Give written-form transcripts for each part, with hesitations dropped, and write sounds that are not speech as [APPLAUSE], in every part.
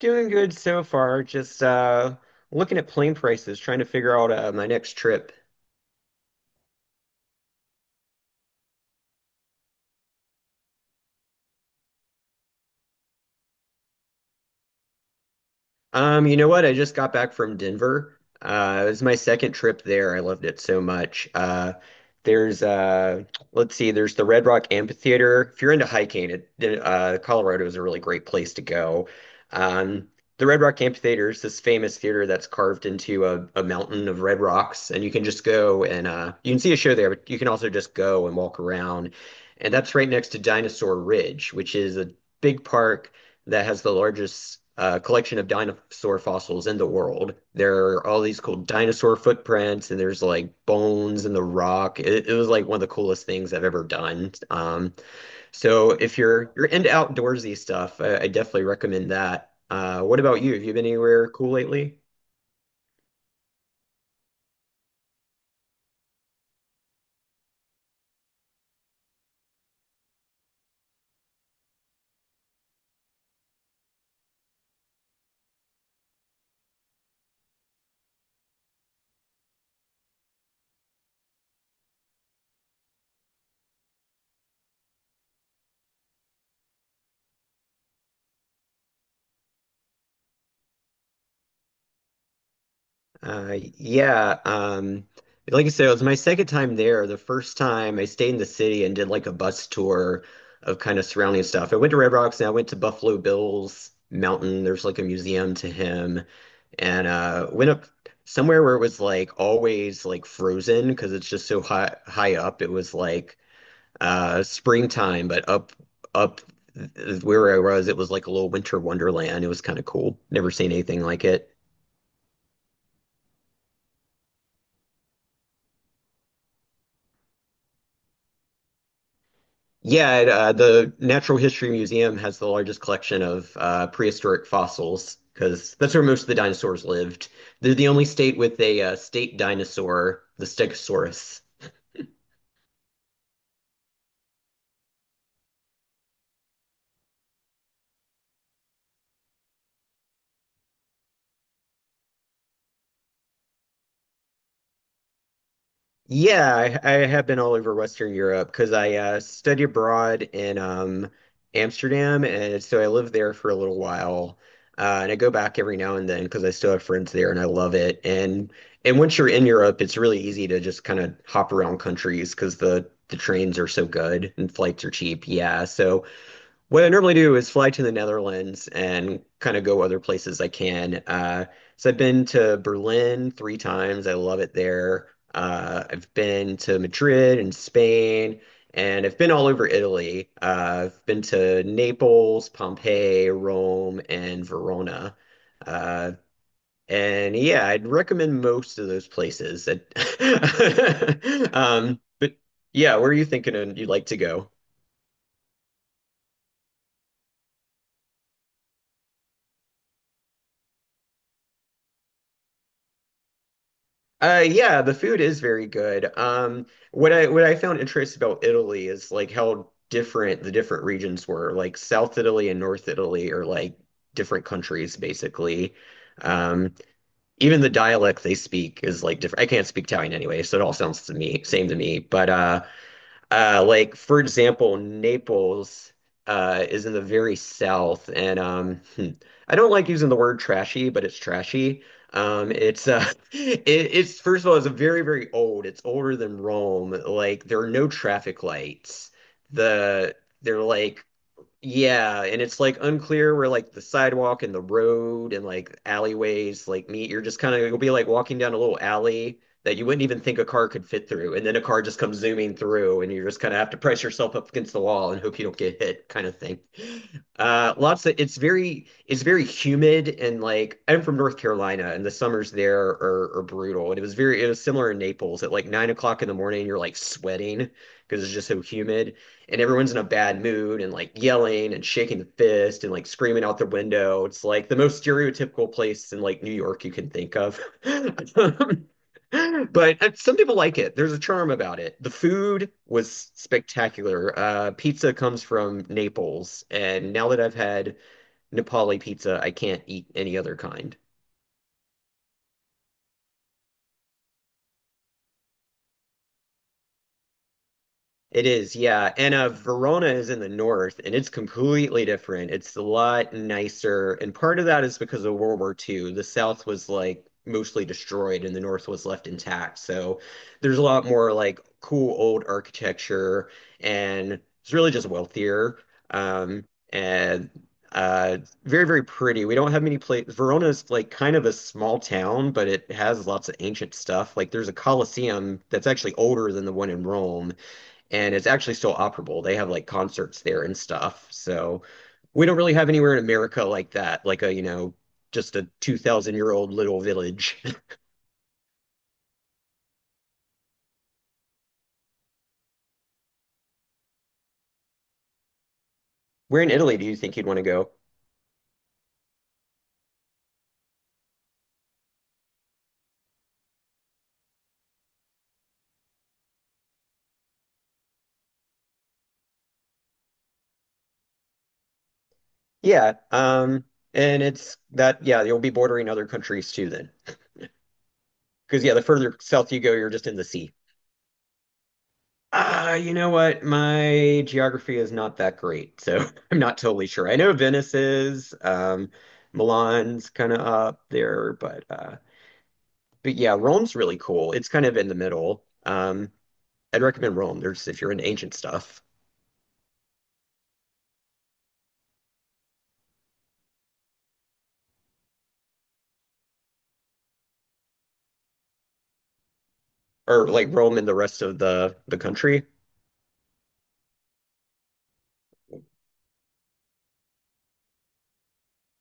Doing good so far. Just looking at plane prices, trying to figure out my next trip. You know what? I just got back from Denver. It was my second trip there. I loved it so much. There's let's see, there's the Red Rock Amphitheater. If you're into hiking, Colorado is a really great place to go. Um, the Red Rock Amphitheater is this famous theater that's carved into a mountain of red rocks, and you can just go and you can see a show there, but you can also just go and walk around. And that's right next to Dinosaur Ridge, which is a big park that has the largest collection of dinosaur fossils in the world. There are all these cool dinosaur footprints, and there's like bones in the rock. It was like one of the coolest things I've ever done. So if you're into outdoorsy stuff, I definitely recommend that. What about you? Have you been anywhere cool lately? Yeah, like I said, it was my second time there. The first time I stayed in the city and did like a bus tour of kind of surrounding stuff. I went to Red Rocks and I went to Buffalo Bill's Mountain. There's like a museum to him, and went up somewhere where it was like always like frozen because it's just so high up. It was like springtime, but up where I was, it was like a little winter wonderland. It was kind of cool. Never seen anything like it. Yeah, the Natural History Museum has the largest collection of prehistoric fossils because that's where most of the dinosaurs lived. They're the only state with a state dinosaur, the Stegosaurus. Yeah, I have been all over Western Europe because I studied abroad in Amsterdam, and so I lived there for a little while. And I go back every now and then because I still have friends there, and I love it. And once you're in Europe, it's really easy to just kind of hop around countries because the trains are so good and flights are cheap. Yeah, so what I normally do is fly to the Netherlands and kind of go other places I can. So I've been to Berlin three times. I love it there. I've been to Madrid and Spain, and I've been all over Italy. I've been to Naples, Pompeii, Rome, and Verona. Uh, and yeah, I'd recommend most of those places. [LAUGHS] But yeah, where are you thinking you'd like to go? Yeah, the food is very good. What I found interesting about Italy is like how different the different regions were. Like South Italy and North Italy are like different countries basically. Um, Even the dialect they speak is like different. I can't speak Italian anyway, so it all sounds to me same to me. But like for example, Naples is in the very south, and I don't like using the word trashy, but it's trashy. It's [LAUGHS] it's first of all, it's very very old. It's older than Rome. Like there are no traffic lights. The they're like, yeah, and it's like unclear where like the sidewalk and the road and like alleyways like meet. You're just kind of you'll be like walking down a little alley that you wouldn't even think a car could fit through, and then a car just comes zooming through, and you just kind of have to press yourself up against the wall and hope you don't get hit, kind of thing. Lots of it's very humid and like I'm from North Carolina, and the summers there are brutal. And it was similar in Naples at like 9 o'clock in the morning, you're like sweating because it's just so humid and everyone's in a bad mood and like yelling and shaking the fist and like screaming out the window. It's like the most stereotypical place in like New York you can think of. [LAUGHS] But some people like it. There's a charm about it. The food was spectacular. Pizza comes from Naples, and now that I've had Nepali pizza, I can't eat any other kind. It is, yeah. And Verona is in the north, and it's completely different. It's a lot nicer, and part of that is because of World War II. The south was like mostly destroyed, and the north was left intact. So there's a lot more like cool old architecture, and it's really just wealthier. Um, and uh, Very, very pretty. We don't have many places. Verona's like kind of a small town, but it has lots of ancient stuff. Like there's a Colosseum that's actually older than the one in Rome and it's actually still operable. They have like concerts there and stuff. So we don't really have anywhere in America like that, like a, you know, just a 2000-year-old little village. [LAUGHS] Where in Italy do you think you'd want to go? Yeah, and it's that, yeah, you'll be bordering other countries too then. Because yeah, the further south you go, you're just in the sea. Ah, you know what? My geography is not that great, so [LAUGHS] I'm not totally sure. I know Venice is. Milan's kind of up there, but but yeah, Rome's really cool. It's kind of in the middle. I'd recommend Rome. There's, if you're into ancient stuff, or like Rome and the rest of the country.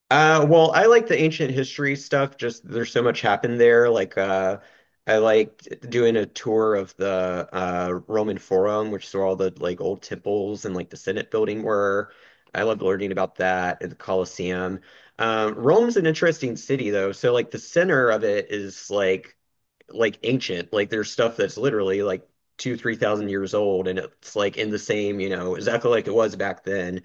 Well, I like the ancient history stuff. Just there's so much happened there. Like I liked doing a tour of the Roman Forum, which is where all the like old temples and like the Senate building were. I loved learning about that and the Colosseum. Rome's an interesting city though. So like the center of it is like ancient. Like there's stuff that's literally like two, 3000 years old, and it's like in the same, you know, exactly like it was back then.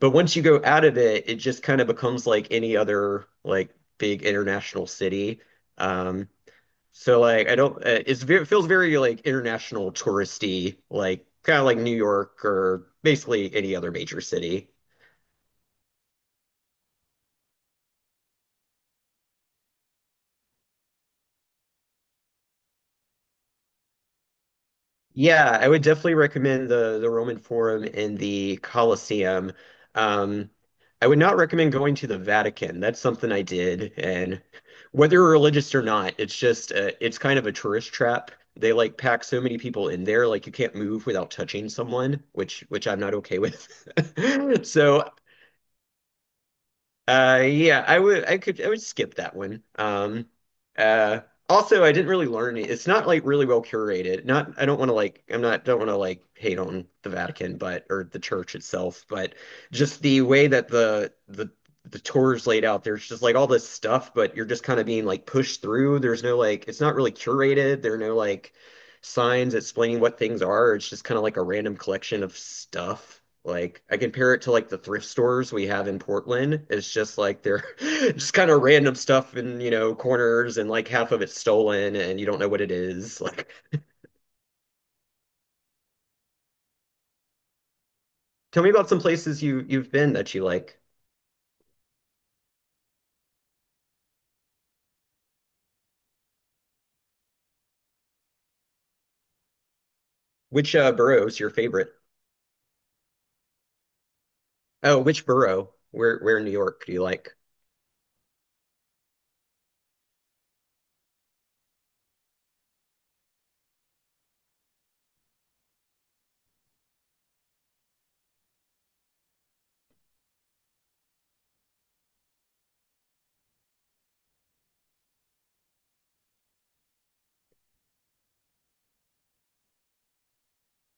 But once you go out of it, it just kind of becomes like any other like big international city. Um, so like I don't, it's very, it feels very like international touristy, like kind of like New York or basically any other major city. Yeah, I would definitely recommend the Roman Forum and the Colosseum. Um, I would not recommend going to the Vatican. That's something I did, and whether you're religious or not, it's just it's kind of a tourist trap. They like pack so many people in there, like you can't move without touching someone, which I'm not okay with. [LAUGHS] So yeah, I would, I would skip that one. Uh, Also, I didn't really learn it. It's not like really well curated. Not, I don't want to like, I'm not, don't want to like hate on the Vatican, but or the church itself, but just the way that the tour is laid out. There's just like all this stuff, but you're just kind of being like pushed through. There's no like, it's not really curated. There are no like signs explaining what things are. It's just kind of like a random collection of stuff. Like I compare it to like the thrift stores we have in Portland. It's just like they're [LAUGHS] just kind of random stuff in, you know, corners and like half of it's stolen and you don't know what it is. Like tell me about some places you've been that you like. Which borough is your favorite? Oh, which borough? Where in New York do you like?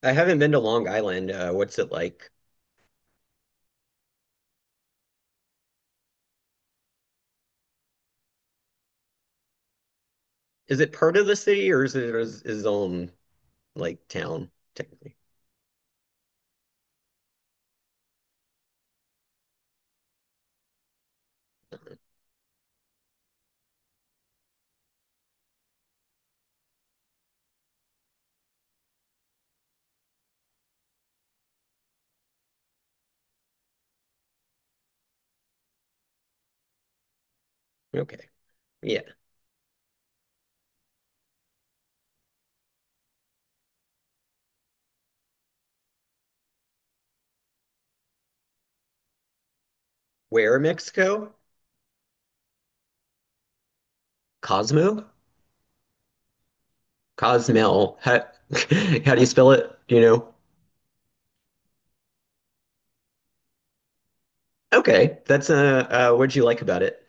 I haven't been to Long Island. What's it like? Is it part of the city or is it is its own like town technically? Okay. Yeah. Where in Mexico? Cosmo? Cosmel. How, [LAUGHS] how do you spell it? Do you know? Okay, that's what'd you like about it?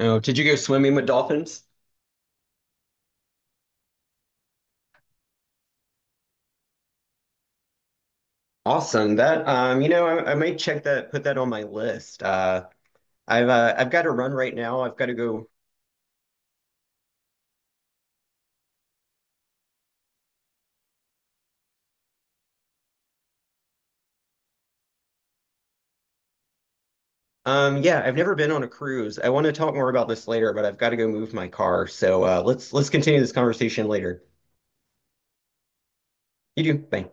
Oh, did you go swimming with dolphins? Awesome. That I might check that, put that on my list. I've got to run right now. I've got to go. Yeah, I've never been on a cruise. I want to talk more about this later, but I've got to go move my car. So let's continue this conversation later. You do. Bye.